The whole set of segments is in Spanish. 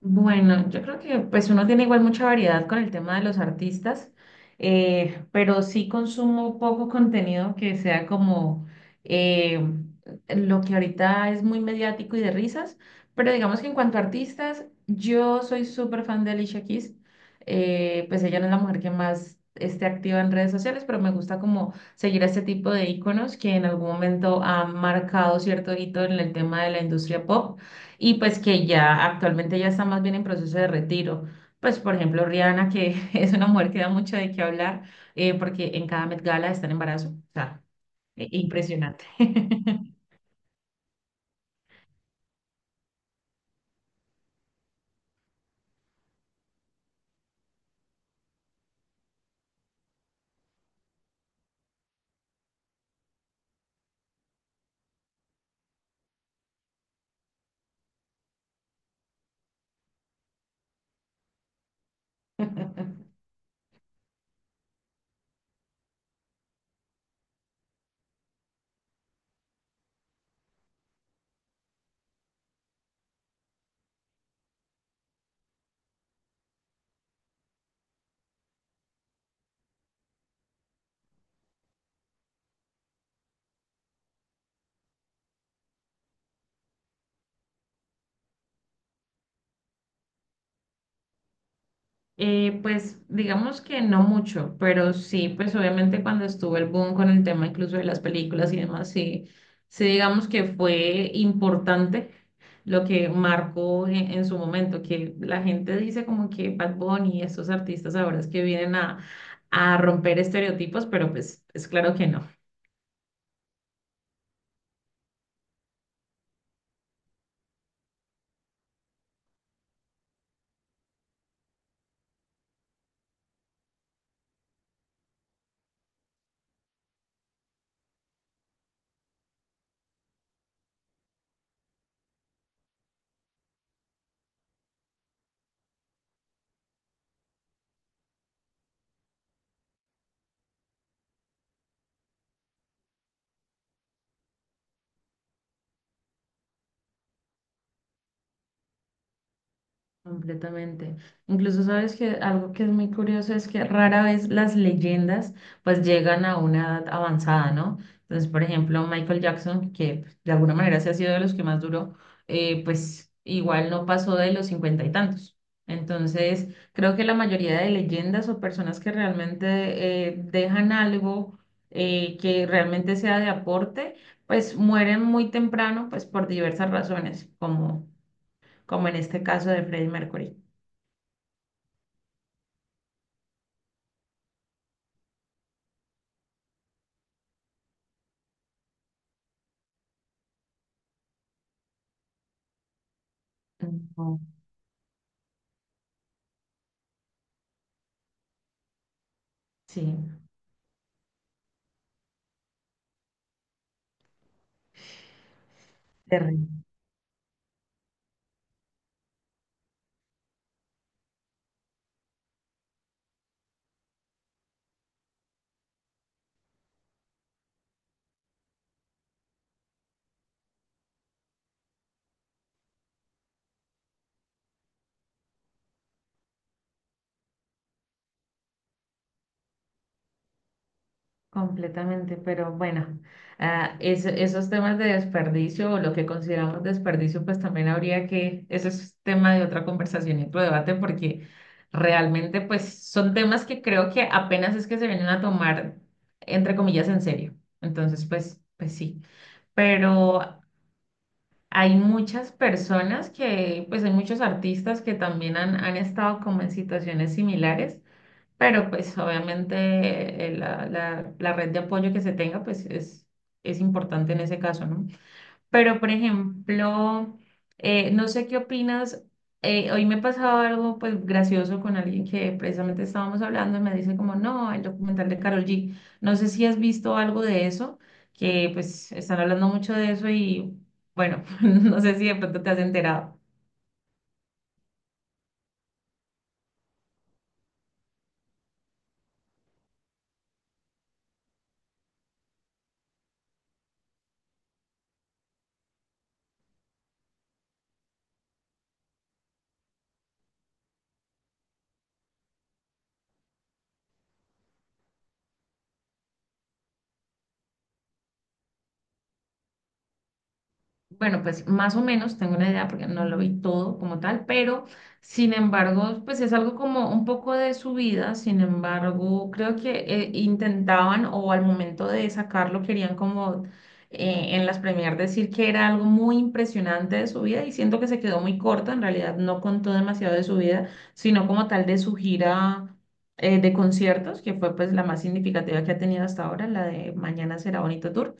Bueno, yo creo que pues uno tiene igual mucha variedad con el tema de los artistas, pero sí consumo poco contenido que sea como eh, lo que ahorita es muy mediático y de risas, pero digamos que en cuanto a artistas, yo soy súper fan de Alicia Keys. Pues ella no es la mujer que más esté activa en redes sociales, pero me gusta como seguir a este tipo de íconos que en algún momento han marcado cierto hito en el tema de la industria pop y pues que ya actualmente ya está más bien en proceso de retiro. Pues por ejemplo Rihanna, que es una mujer que da mucho de qué hablar, porque en cada Met Gala está en embarazo. O sea, impresionante. Pues digamos que no mucho, pero sí, pues obviamente cuando estuvo el boom con el tema incluso de las películas y demás, sí, sí digamos que fue importante lo que marcó en su momento, que la gente dice como que Bad Bunny y estos artistas ahora es que vienen a romper estereotipos, pero pues es claro que no. Completamente. Incluso sabes que algo que es muy curioso es que rara vez las leyendas pues llegan a una edad avanzada, ¿no? Entonces, por ejemplo, Michael Jackson, que pues, de alguna manera se ha sido de los que más duró, pues igual no pasó de los cincuenta y tantos. Entonces, creo que la mayoría de leyendas o personas que realmente dejan algo que realmente sea de aporte, pues mueren muy temprano, pues por diversas razones, como, como en este caso de Freddie Mercury. Ujú. Sí, terrible, completamente, pero bueno, ah, esos temas de desperdicio o lo que consideramos desperdicio, pues también habría que, eso es tema de otra conversación y otro debate, porque realmente pues son temas que creo que apenas es que se vienen a tomar, entre comillas, en serio. Entonces, pues, pues sí, pero hay muchas personas que, pues hay muchos artistas que también han, han estado como en situaciones similares. Pero pues obviamente la, la red de apoyo que se tenga pues es importante en ese caso, ¿no? Pero por ejemplo, no sé qué opinas, hoy me pasaba algo pues gracioso con alguien que precisamente estábamos hablando y me dice como, no, el documental de Karol G, no sé si has visto algo de eso, que pues están hablando mucho de eso y bueno, no sé si de pronto te has enterado. Bueno, pues más o menos tengo una idea porque no lo vi todo como tal, pero sin embargo, pues es algo como un poco de su vida. Sin embargo, creo que intentaban o al momento de sacarlo querían como en las premiers decir que era algo muy impresionante de su vida y siento que se quedó muy corta, en realidad no contó demasiado de su vida, sino como tal de su gira de conciertos, que fue pues la más significativa que ha tenido hasta ahora, la de Mañana será bonito tour.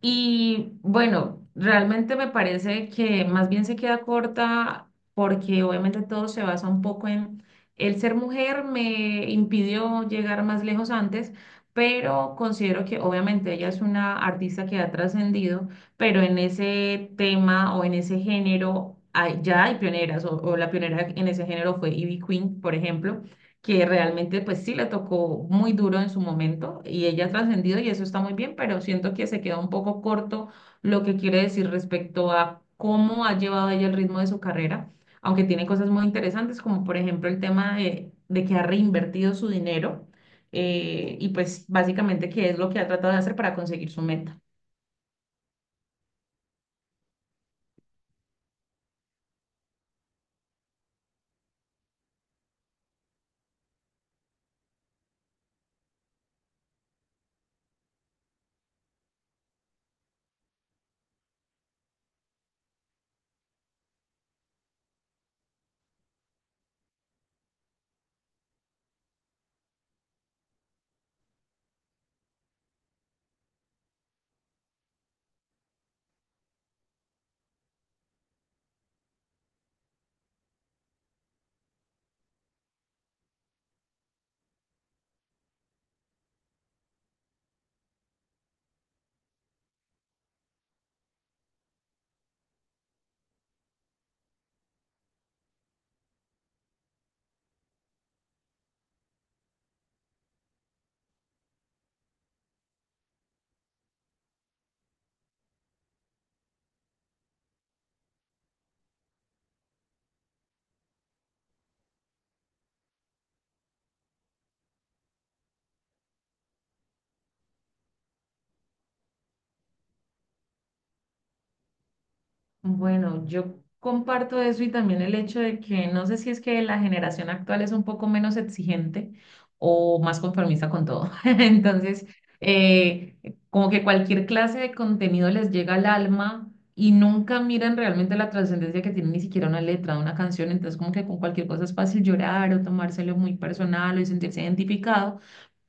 Y bueno, realmente me parece que más bien se queda corta porque obviamente todo se basa un poco en el ser mujer me impidió llegar más lejos antes, pero considero que obviamente ella es una artista que ha trascendido, pero en ese tema o en ese género ya hay pioneras o la pionera en ese género fue Ivy Queen, por ejemplo, que realmente pues sí le tocó muy duro en su momento y ella ha trascendido y eso está muy bien, pero siento que se queda un poco corto lo que quiere decir respecto a cómo ha llevado ella el ritmo de su carrera, aunque tiene cosas muy interesantes como por ejemplo el tema de que ha reinvertido su dinero y pues básicamente qué es lo que ha tratado de hacer para conseguir su meta. Bueno, yo comparto eso y también el hecho de que no sé si es que la generación actual es un poco menos exigente o más conformista con todo. Entonces, eh, como que cualquier clase de contenido les llega al alma y nunca miran realmente la trascendencia que tiene ni siquiera una letra de una canción. Entonces, como que con cualquier cosa es fácil llorar o tomárselo muy personal o sentirse identificado,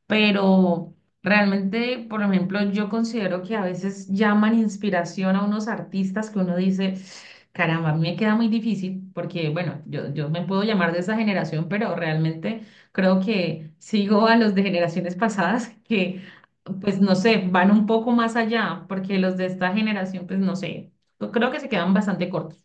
pero... Realmente, por ejemplo, yo considero que a veces llaman inspiración a unos artistas que uno dice, caramba, a mí me queda muy difícil porque, bueno, yo me puedo llamar de esa generación, pero realmente creo que sigo a los de generaciones pasadas que, pues, no sé, van un poco más allá, porque los de esta generación, pues, no sé, yo creo que se quedan bastante cortos.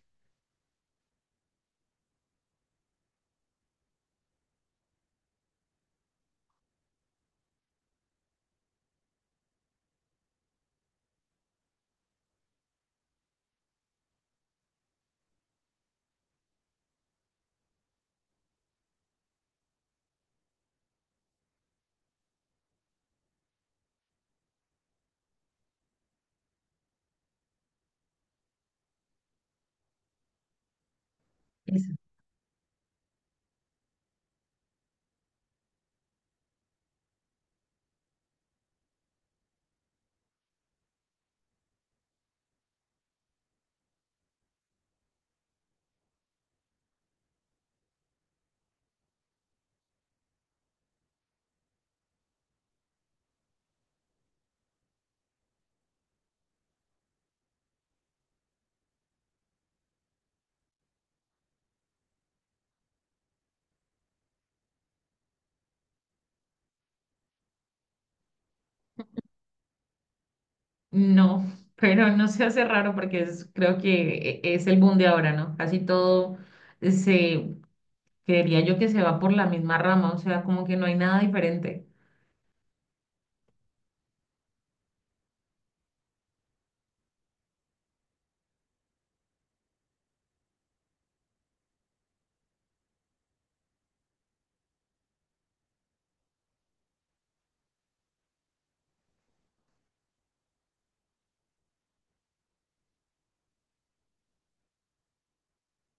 Eso. No, pero no se hace raro porque es, creo que es el boom de ahora, ¿no? Casi todo se, creería yo que se va por la misma rama, o sea, como que no hay nada diferente.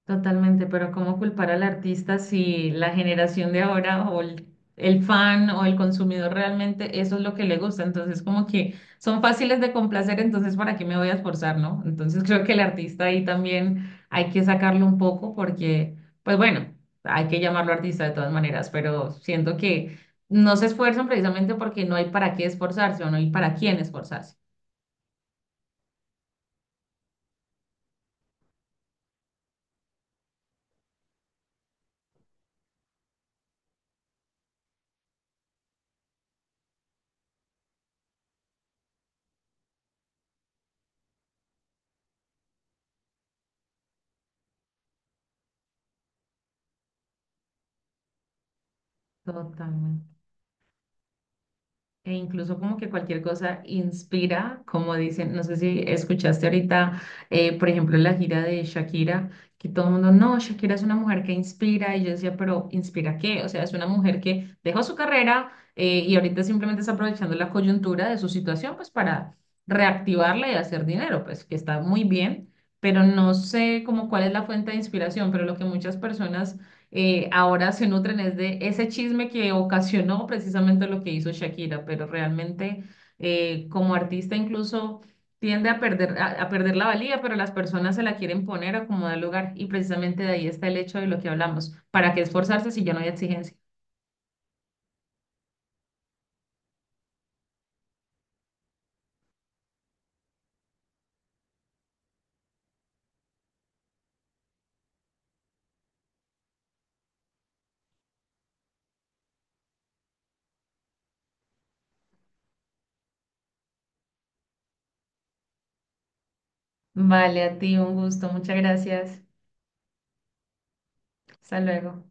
Totalmente, pero ¿cómo culpar al artista si la generación de ahora o el fan o el consumidor realmente eso es lo que le gusta? Entonces, como que son fáciles de complacer, entonces ¿para qué me voy a esforzar, no? Entonces, creo que el artista ahí también hay que sacarlo un poco porque, pues bueno, hay que llamarlo artista de todas maneras, pero siento que no se esfuerzan precisamente porque no hay para qué esforzarse o no hay para quién esforzarse. Totalmente. E incluso como que cualquier cosa inspira, como dicen, no sé si escuchaste ahorita, por ejemplo, la gira de Shakira, que todo el mundo, no, Shakira es una mujer que inspira, y yo decía, pero ¿inspira qué? O sea, es una mujer que dejó su carrera y ahorita simplemente está aprovechando la coyuntura de su situación, pues para reactivarla y hacer dinero, pues que está muy bien, pero no sé como cuál es la fuente de inspiración, pero lo que muchas personas ahora se nutren es de ese chisme que ocasionó precisamente lo que hizo Shakira, pero realmente como artista incluso tiende a perder la valía, pero las personas se la quieren poner a como da lugar y precisamente de ahí está el hecho de lo que hablamos. ¿Para qué esforzarse si ya no hay exigencia? Vale, a ti un gusto, muchas gracias. Hasta luego.